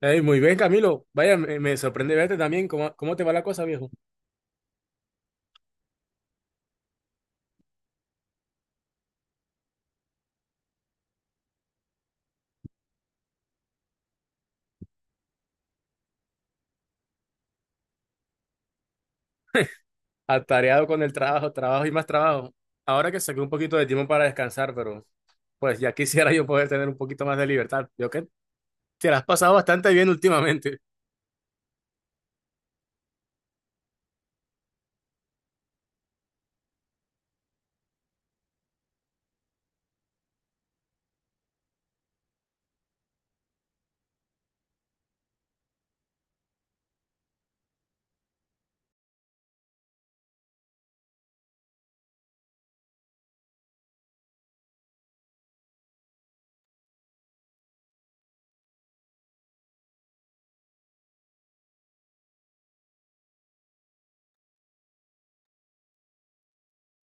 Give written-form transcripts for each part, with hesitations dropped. Ey, muy bien, Camilo. Vaya, me sorprende verte también. ¿Cómo te va la cosa, viejo? Atareado con el trabajo, trabajo y más trabajo. Ahora que saqué un poquito de tiempo para descansar, pero pues ya quisiera yo poder tener un poquito más de libertad. Yo que te la has pasado bastante bien últimamente.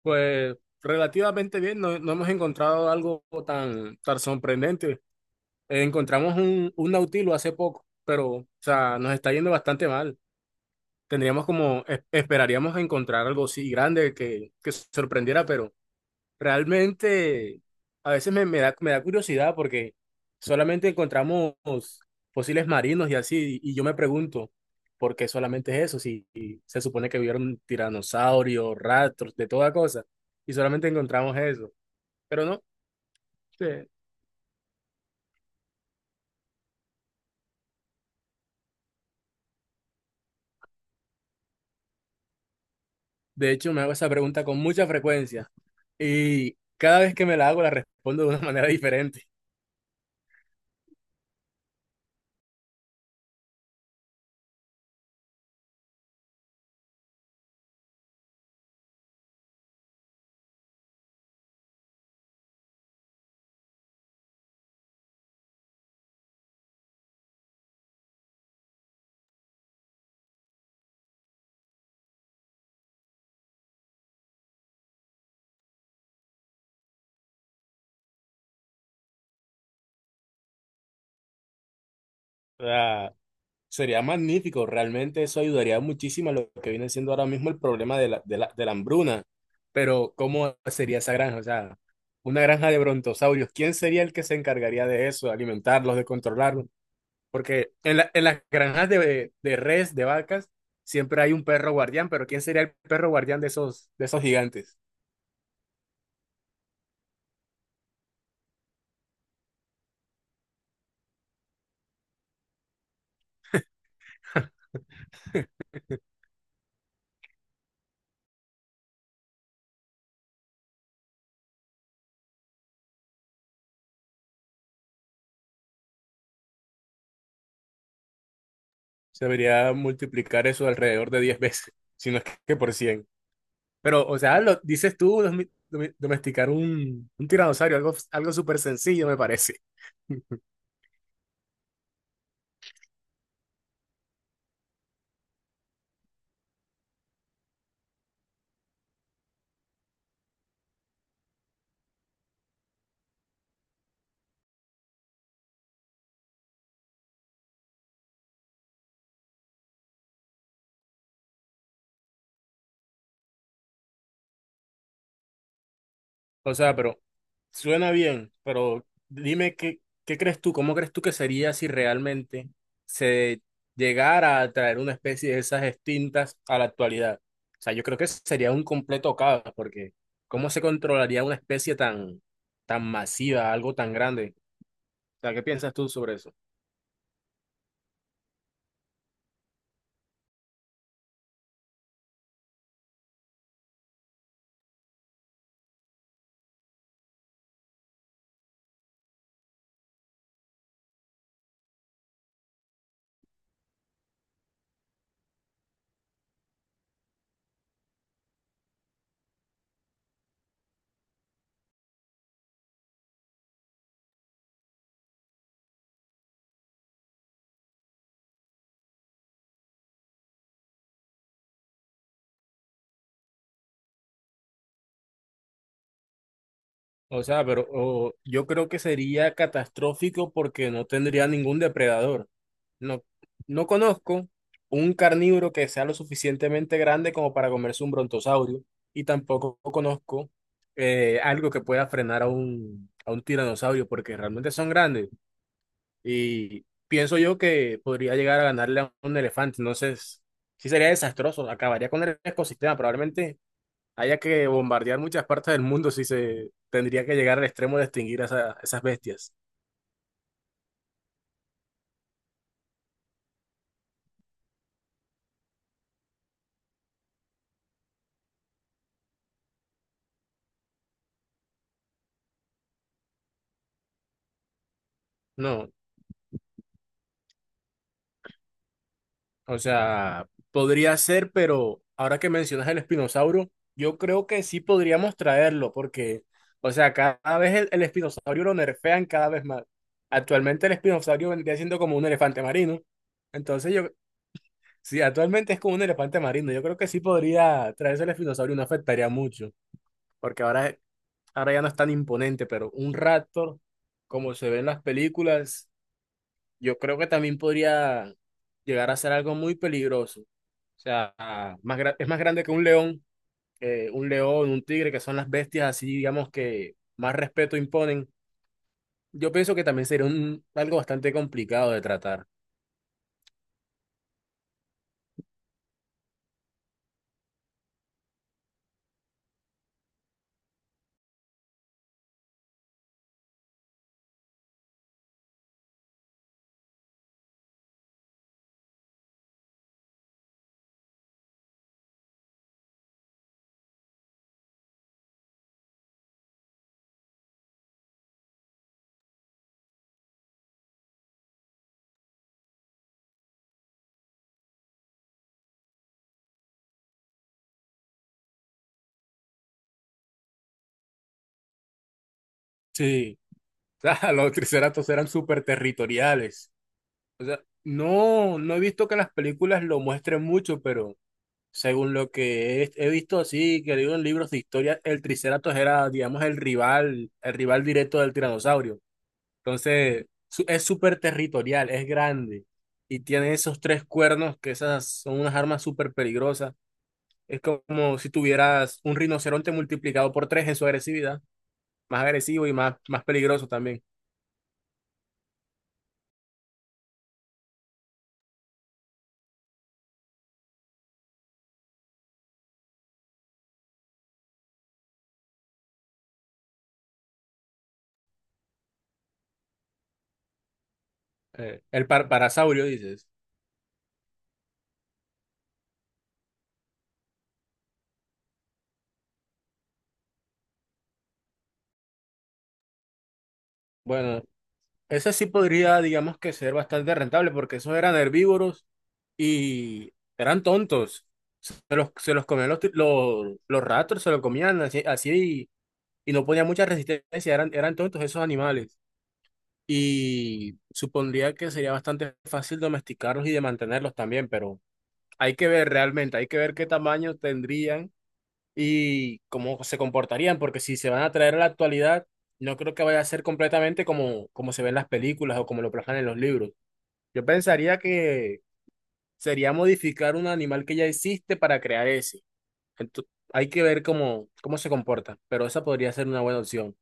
Pues relativamente bien, no hemos encontrado algo tan sorprendente. Encontramos un nautilo hace poco, pero o sea, nos está yendo bastante mal. Tendríamos como, esperaríamos encontrar algo así grande que sorprendiera, pero. Realmente, a veces me da curiosidad porque solamente encontramos fósiles marinos y así, y yo me pregunto, ¿por qué solamente es eso? Si se supone que vivieron tiranosaurios, rastros, de toda cosa, y solamente encontramos eso. Pero no, de, de hecho me hago esa pregunta con mucha frecuencia, y cada vez que me la hago la respondo de una manera diferente. O sea, sería magnífico, realmente eso ayudaría muchísimo a lo que viene siendo ahora mismo el problema de la hambruna. Pero, ¿cómo sería esa granja? O sea, una granja de brontosaurios, ¿quién sería el que se encargaría de eso, de alimentarlos, de controlarlos? Porque en las granjas de res, de vacas, siempre hay un perro guardián, pero ¿quién sería el perro guardián de esos gigantes? Se debería multiplicar eso alrededor de 10 veces, si no es que por 100. Pero, o sea, lo dices tú, domesticar un tiranosaurio, algo súper sencillo me parece. O sea, pero suena bien, pero dime qué crees tú, cómo crees tú que sería si realmente se llegara a traer una especie de esas extintas a la actualidad. O sea, yo creo que sería un completo caos, porque ¿cómo se controlaría una especie tan masiva, algo tan grande? O sea, ¿qué piensas tú sobre eso? O sea, pero yo creo que sería catastrófico porque no tendría ningún depredador. No, no conozco un carnívoro que sea lo suficientemente grande como para comerse un brontosaurio y tampoco conozco algo que pueda frenar a un tiranosaurio porque realmente son grandes y pienso yo que podría llegar a ganarle a un elefante. Entonces, sí sería desastroso, acabaría con el ecosistema. Probablemente haya que bombardear muchas partes del mundo si se tendría que llegar al extremo de extinguir a esas bestias. No, o sea, podría ser, pero ahora que mencionas el espinosauro, yo creo que sí podríamos traerlo, porque, o sea, cada vez el espinosaurio lo nerfean cada vez más. Actualmente el espinosaurio vendría siendo como un elefante marino. Entonces yo, sí, actualmente es como un elefante marino, yo creo que sí podría traerse el espinosaurio, y no afectaría mucho, porque ahora ya no es tan imponente, pero un Raptor, como se ve en las películas, yo creo que también podría llegar a ser algo muy peligroso. O sea, más es más grande que un león, un tigre, que son las bestias así, digamos, que más respeto imponen. Yo pienso que también sería algo bastante complicado de tratar. Sí, o sea, los triceratops eran súper territoriales. No he visto que las películas lo muestren mucho, pero. Según lo que he visto así, que digo en libros de historia, el Triceratops era, digamos, el rival directo del tiranosaurio. Entonces, es súper territorial, es grande y tiene esos tres cuernos, que esas son unas armas súper peligrosas. Es como si tuvieras un rinoceronte multiplicado por tres en su agresividad, más agresivo y más peligroso también. El parasaurio, dices. Bueno, ese sí podría, digamos que ser bastante rentable, porque esos eran herbívoros y eran tontos. Se los comían los ratos, se los comían así, así y no ponían mucha resistencia, eran tontos esos animales. Y supondría que sería bastante fácil domesticarlos y de mantenerlos también, pero hay que ver realmente, hay que ver qué tamaño tendrían y cómo se comportarían, porque si se van a traer a la actualidad, no creo que vaya a ser completamente como se ven las películas o como lo plasman en los libros. Yo pensaría que sería modificar un animal que ya existe para crear ese. Entonces, hay que ver cómo se comporta, pero esa podría ser una buena opción.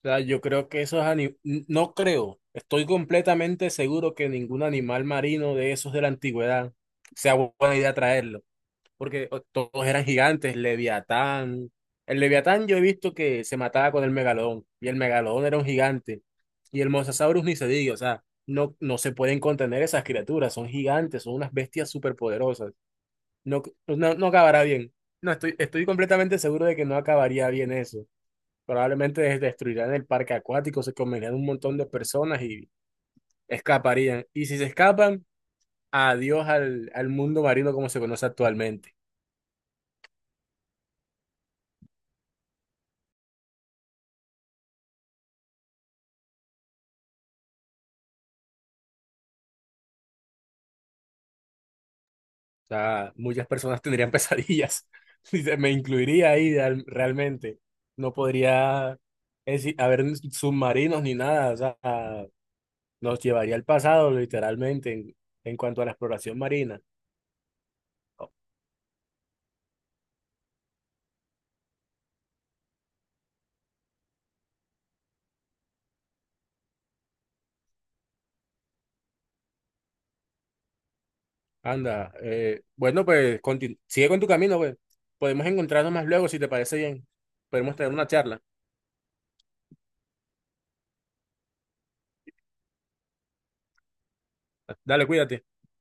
O sea, yo creo que esos animales, no creo, estoy completamente seguro que ningún animal marino de esos de la antigüedad sea buena idea traerlo. Porque todos eran gigantes, Leviatán. El Leviatán yo he visto que se mataba con el Megalodón, y el Megalodón era un gigante, y el Mosasaurus ni se diga, o sea, no se pueden contener esas criaturas, son gigantes, son unas bestias superpoderosas. No, no, no acabará bien. No, estoy completamente seguro de que no acabaría bien eso. Probablemente destruirán el parque acuático, se comerían un montón de personas y escaparían. Y si se escapan, adiós al mundo marino como se conoce actualmente. O sea, muchas personas tendrían pesadillas. Y me incluiría ahí realmente. No podría haber submarinos ni nada. O sea, nos llevaría al pasado literalmente en cuanto a la exploración marina. Anda, bueno, pues sigue con tu camino, pues. Podemos encontrarnos más luego si te parece bien. Podemos tener una charla. Dale, cuídate.